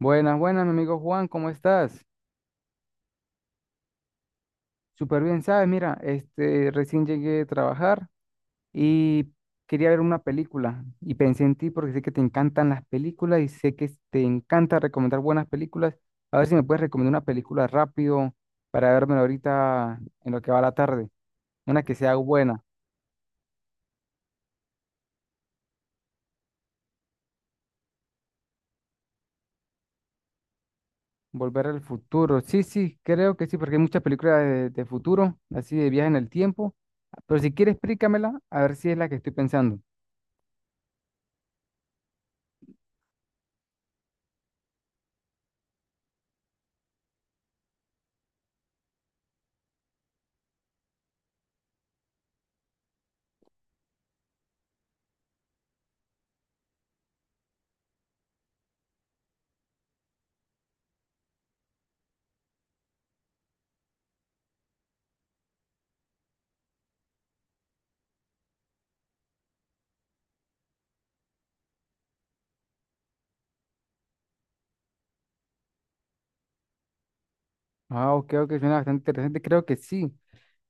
Buenas, buenas, mi amigo Juan, ¿cómo estás? Súper bien, ¿sabes? Mira, este, recién llegué de trabajar y quería ver una película y pensé en ti porque sé que te encantan las películas y sé que te encanta recomendar buenas películas. A ver si me puedes recomendar una película rápido para vérmela ahorita en lo que va la tarde. Una que sea buena. Volver al futuro. Sí, sí, creo que sí, porque hay muchas películas de futuro, así de viaje en el tiempo. Pero si quieres, explícamela, a ver si es la que estoy pensando. Ah, ok, ok, suena bastante interesante. Creo que sí.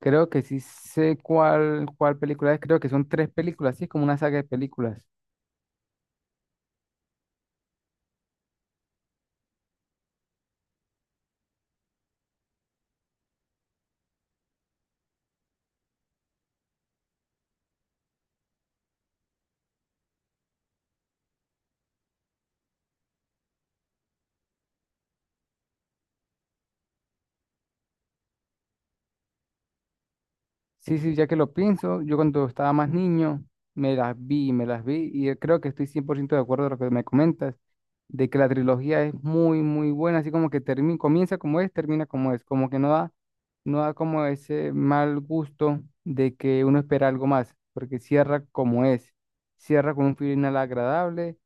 Creo que sí sé cuál película es. Creo que son tres películas, sí, es como una saga de películas. Sí, sí, ya que lo pienso, yo cuando estaba más niño me las vi y creo que estoy 100% de acuerdo de lo que me comentas, de que la trilogía es muy, muy buena, así como que termina, comienza como es, termina como es, como que no da como ese mal gusto de que uno espera algo más, porque cierra como es, cierra con un final agradable,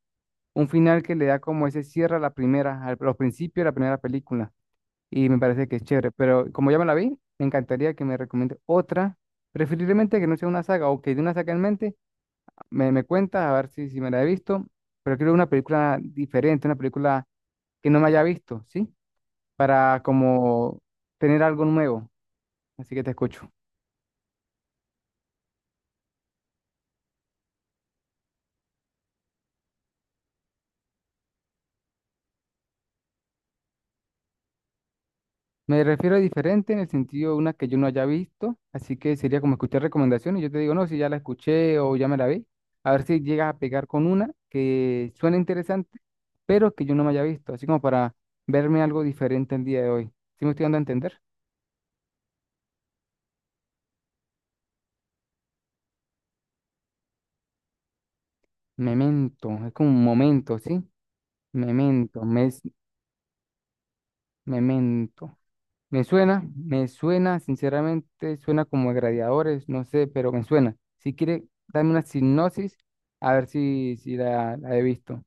un final que le da como ese cierre a la primera, al, los principios de la primera película. Y me parece que es chévere. Pero como ya me la vi, me encantaría que me recomiende otra, preferiblemente que no sea una saga o que de una saga en mente, me cuenta a ver si me la he visto. Pero quiero una película diferente, una película que no me haya visto, ¿sí? Para como tener algo nuevo. Así que te escucho. Me refiero a diferente en el sentido de una que yo no haya visto, así que sería como escuchar recomendaciones. Yo te digo, no, si ya la escuché o ya me la vi, a ver si llegas a pegar con una que suena interesante, pero que yo no me haya visto, así como para verme algo diferente el día de hoy. ¿Sí me estoy dando a entender? Memento, es como un momento, ¿sí? Memento, mes, memento. Me suena, sinceramente, suena como a gladiadores, no sé, pero me suena. Si quiere, dame una sinopsis, a ver si, si la he visto.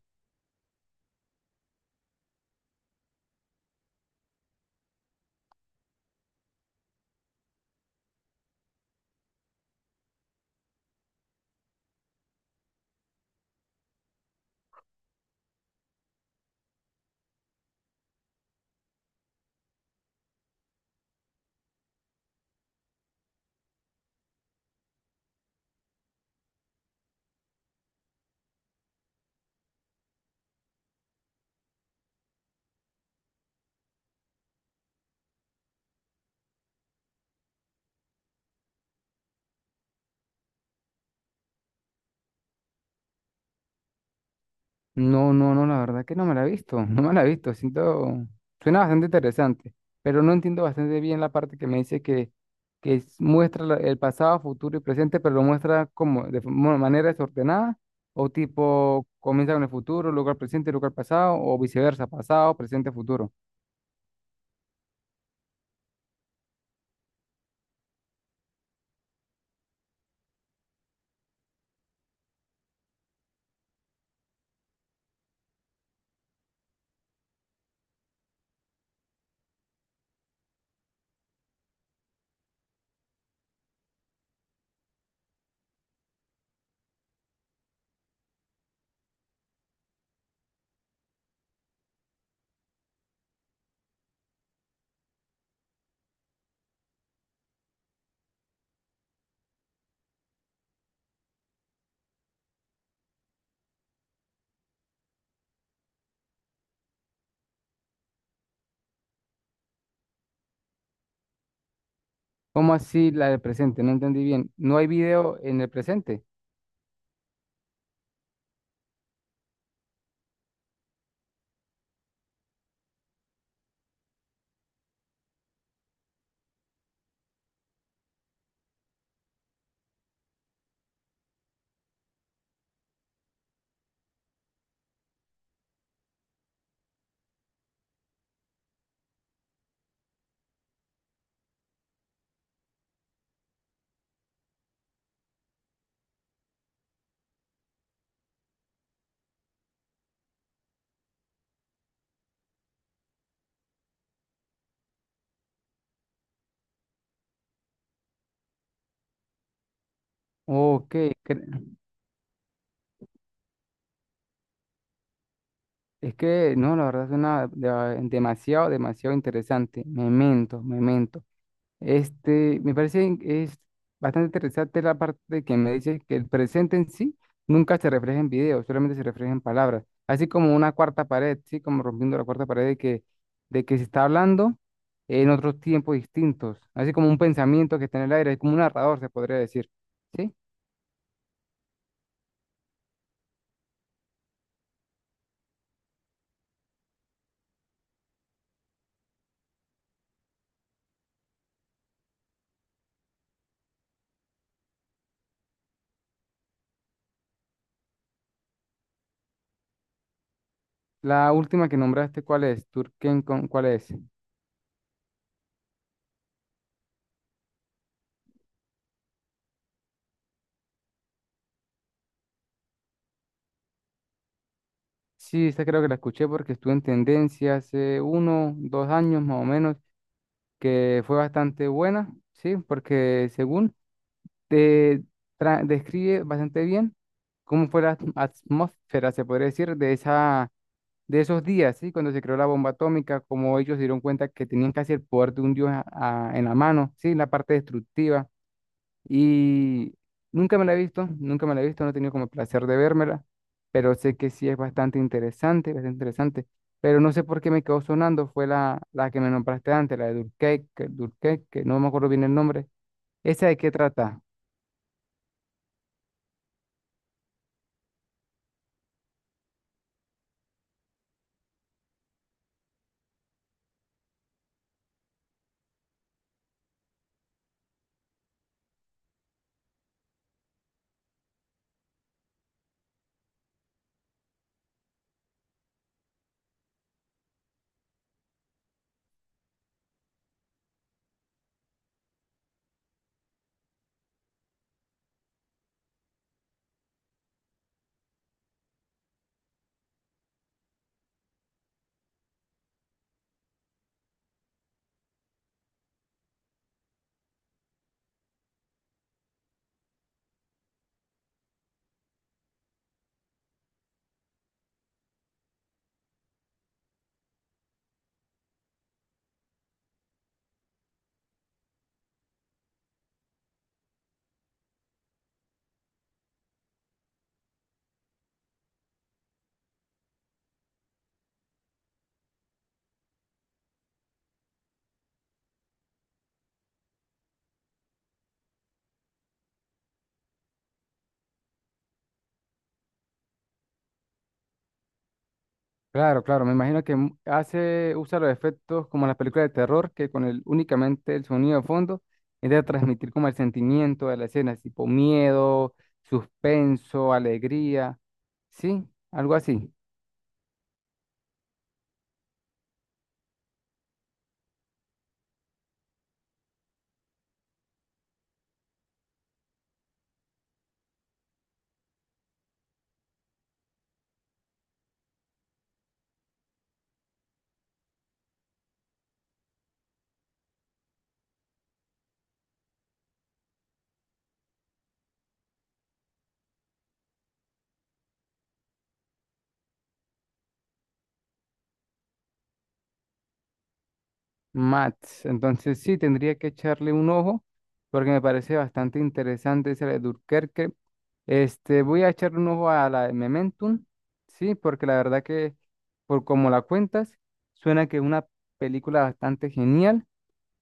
No, no, no, la verdad que no me la he visto, no me la he visto, siento, suena bastante interesante, pero no entiendo bastante bien la parte que me dice que muestra el pasado, futuro y presente, pero lo muestra como de manera desordenada, o tipo comienza con el futuro, luego el presente, luego el pasado, o viceversa, pasado, presente, futuro. ¿Cómo así la del presente? No entendí bien. ¿No hay video en el presente? Ok, cre- es que no, la verdad suena demasiado, demasiado interesante. Memento, memento. Este, me parece es bastante interesante la parte de que me dice que el presente en sí nunca se refleja en video, solamente se refleja en palabras. Así como una cuarta pared, sí, como rompiendo la cuarta pared de que se está hablando en otros tiempos distintos. Así como un pensamiento que está en el aire, es como un narrador, se podría decir. ¿Sí? La última que nombraste, ¿cuál es? Turken, ¿cuál es? Sí, esta creo que la escuché porque estuvo en tendencia hace uno, dos años más o menos, que fue bastante buena, ¿sí? Porque según te describe bastante bien cómo fue la atmósfera, se podría decir, de esa, de esos días, ¿sí? Cuando se creó la bomba atómica, como ellos se dieron cuenta que tenían casi el poder de un dios en la mano, ¿sí? La parte destructiva. Y nunca me la he visto, nunca me la he visto, no he tenido como el placer de vérmela, pero sé que sí es bastante interesante, bastante interesante. Pero no sé por qué me quedó sonando, fue la que me nombraste antes, la de Durkheim, que no me acuerdo bien el nombre. ¿Esa de qué trata? Claro, claro, me imagino que hace, usa los efectos como en las películas de terror, que con el, únicamente el sonido de fondo intenta transmitir como el sentimiento de la escena, tipo miedo, suspenso, alegría, ¿sí? Algo así. Mats. Entonces sí, tendría que echarle un ojo porque me parece bastante interesante esa de Dunkerque. Este, voy a echarle un ojo a la de Momentum, sí, porque la verdad que por como la cuentas, suena que es una película bastante genial.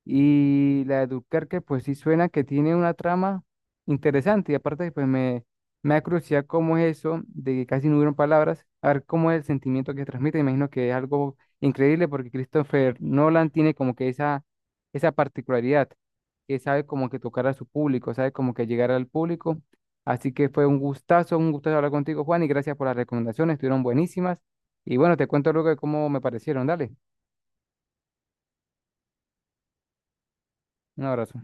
Y la de Dunkerque, pues sí suena que tiene una trama interesante. Y aparte, me da curiosidad cómo es eso de que casi no hubieron palabras. A ver cómo es el sentimiento que transmite. Imagino que es algo increíble porque Christopher Nolan tiene como que esa particularidad, que sabe como que tocar a su público, sabe como que llegar al público. Así que fue un gustazo hablar contigo, Juan, y gracias por las recomendaciones, estuvieron buenísimas. Y bueno, te cuento luego de cómo me parecieron. Dale, un abrazo.